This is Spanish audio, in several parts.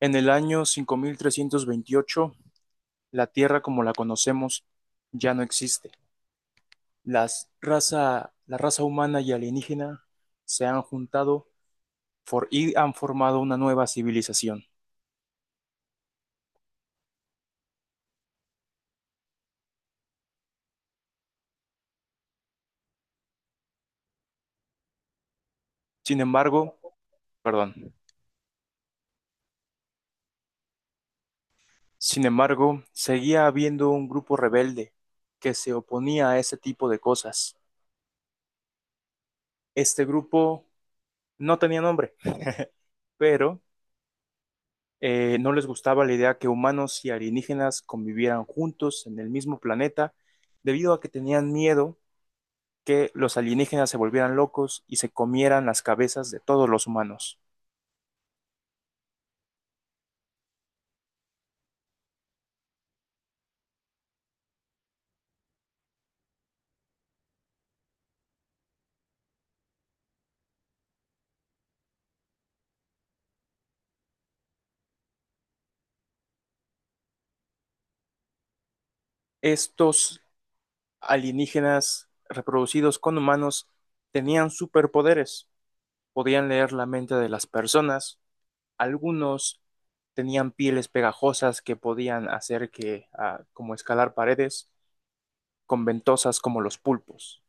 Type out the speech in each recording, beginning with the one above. En el año 5328, la Tierra como la conocemos ya no existe. La raza humana y alienígena se han juntado y han formado una nueva civilización. Sin embargo, perdón, sin embargo, seguía habiendo un grupo rebelde que se oponía a ese tipo de cosas. Este grupo no tenía nombre, pero no les gustaba la idea que humanos y alienígenas convivieran juntos en el mismo planeta, debido a que tenían miedo que los alienígenas se volvieran locos y se comieran las cabezas de todos los humanos. Estos alienígenas reproducidos con humanos tenían superpoderes, podían leer la mente de las personas, algunos tenían pieles pegajosas que podían hacer que, como escalar paredes, con ventosas como los pulpos.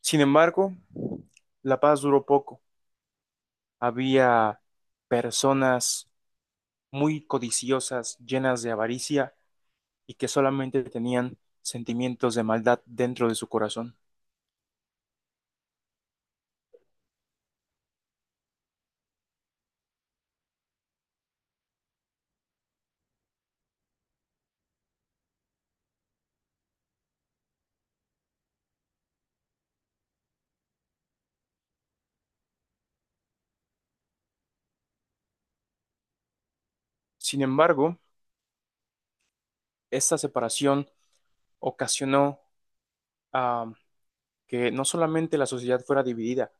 Sin embargo, la paz duró poco. Había personas muy codiciosas, llenas de avaricia y que solamente tenían sentimientos de maldad dentro de su corazón. Sin embargo, esta separación ocasionó ah, que no solamente la sociedad fuera dividida,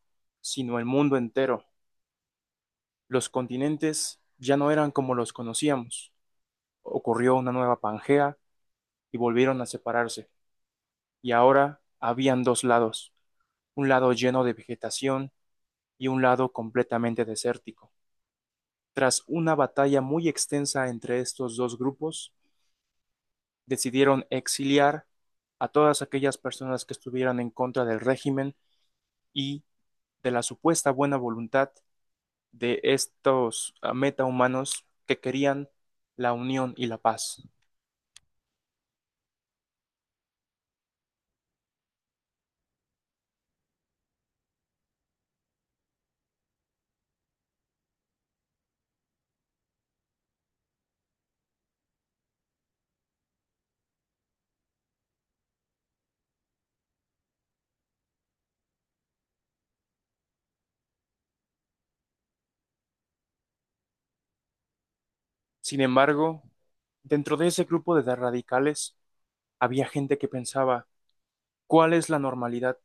sino el mundo entero. Los continentes ya no eran como los conocíamos. Ocurrió una nueva Pangea y volvieron a separarse. Y ahora habían dos lados, un lado lleno de vegetación y un lado completamente desértico. Tras una batalla muy extensa entre estos dos grupos, decidieron exiliar a todas aquellas personas que estuvieran en contra del régimen y de la supuesta buena voluntad de estos metahumanos que querían la unión y la paz. Sin embargo, dentro de ese grupo de radicales había gente que pensaba, ¿cuál es la normalidad?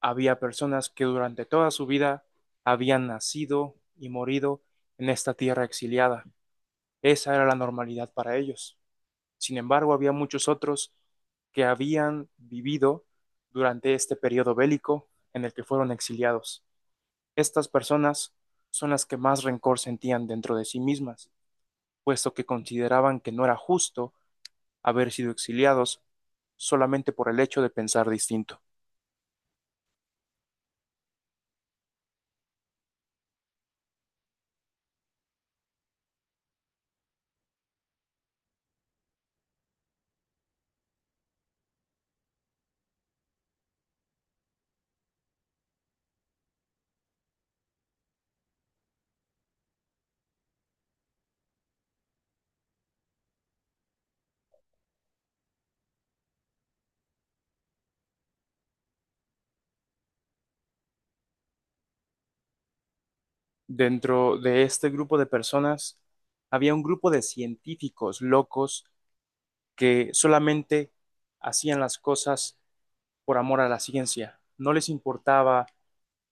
Había personas que durante toda su vida habían nacido y morido en esta tierra exiliada. Esa era la normalidad para ellos. Sin embargo, había muchos otros que habían vivido durante este periodo bélico en el que fueron exiliados. Estas personas son las que más rencor sentían dentro de sí mismas, puesto que consideraban que no era justo haber sido exiliados solamente por el hecho de pensar distinto. Dentro de este grupo de personas había un grupo de científicos locos que solamente hacían las cosas por amor a la ciencia. No les importaba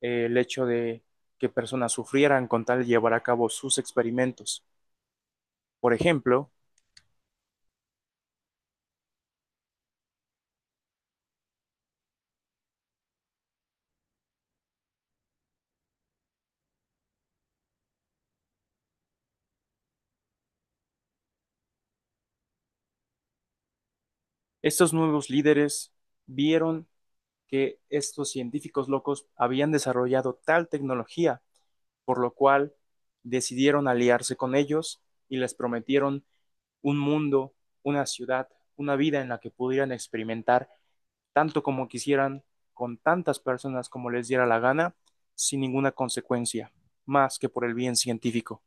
el hecho de que personas sufrieran con tal de llevar a cabo sus experimentos. Por ejemplo, estos nuevos líderes vieron que estos científicos locos habían desarrollado tal tecnología, por lo cual decidieron aliarse con ellos y les prometieron un mundo, una ciudad, una vida en la que pudieran experimentar tanto como quisieran, con tantas personas como les diera la gana, sin ninguna consecuencia, más que por el bien científico.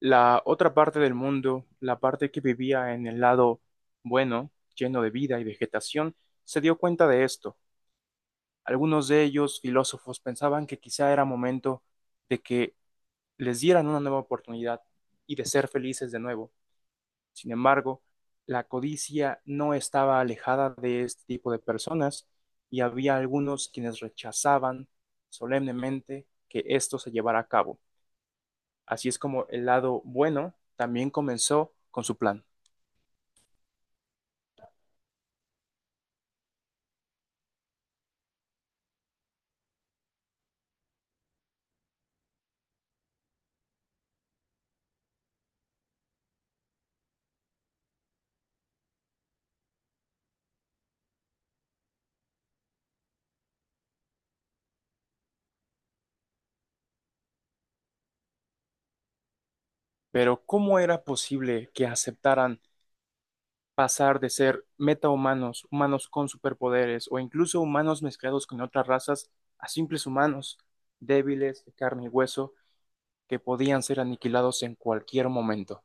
La otra parte del mundo, la parte que vivía en el lado bueno, lleno de vida y vegetación, se dio cuenta de esto. Algunos de ellos, filósofos, pensaban que quizá era momento de que les dieran una nueva oportunidad y de ser felices de nuevo. Sin embargo, la codicia no estaba alejada de este tipo de personas y había algunos quienes rechazaban solemnemente que esto se llevara a cabo. Así es como el lado bueno también comenzó con su plan. Pero, ¿cómo era posible que aceptaran pasar de ser metahumanos, humanos con superpoderes o incluso humanos mezclados con otras razas a simples humanos débiles de carne y hueso que podían ser aniquilados en cualquier momento?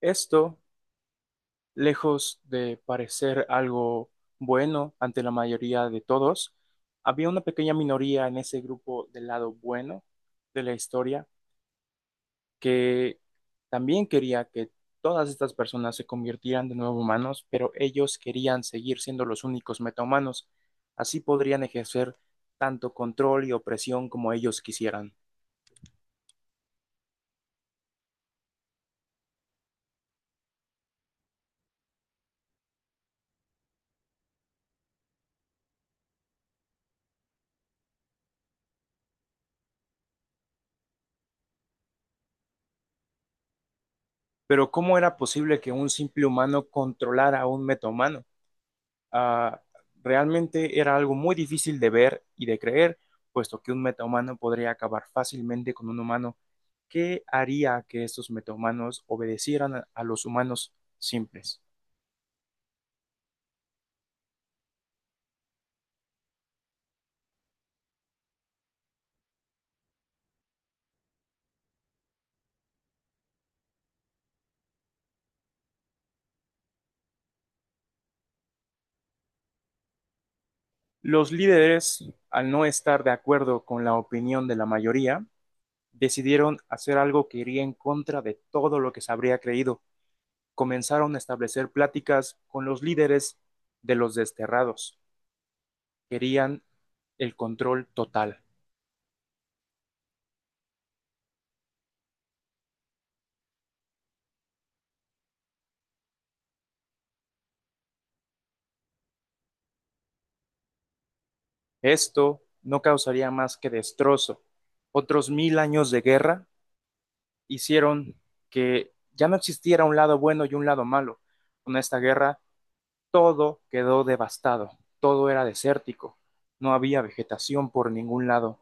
Esto, lejos de parecer algo bueno ante la mayoría de todos, había una pequeña minoría en ese grupo del lado bueno de la historia que también quería que todas estas personas se convirtieran de nuevo humanos, pero ellos querían seguir siendo los únicos metahumanos. Así podrían ejercer tanto control y opresión como ellos quisieran. Pero, ¿cómo era posible que un simple humano controlara a un metahumano? ah, Realmente era algo muy difícil de ver y de creer, puesto que un metahumano podría acabar fácilmente con un humano. ¿Qué haría que estos metahumanos obedecieran a los humanos simples? Los líderes, al no estar de acuerdo con la opinión de la mayoría, decidieron hacer algo que iría en contra de todo lo que se habría creído. Comenzaron a establecer pláticas con los líderes de los desterrados. Querían el control total. Esto no causaría más que destrozo. Otros mil años de guerra hicieron que ya no existiera un lado bueno y un lado malo. Con esta guerra todo quedó devastado, todo era desértico, no había vegetación por ningún lado.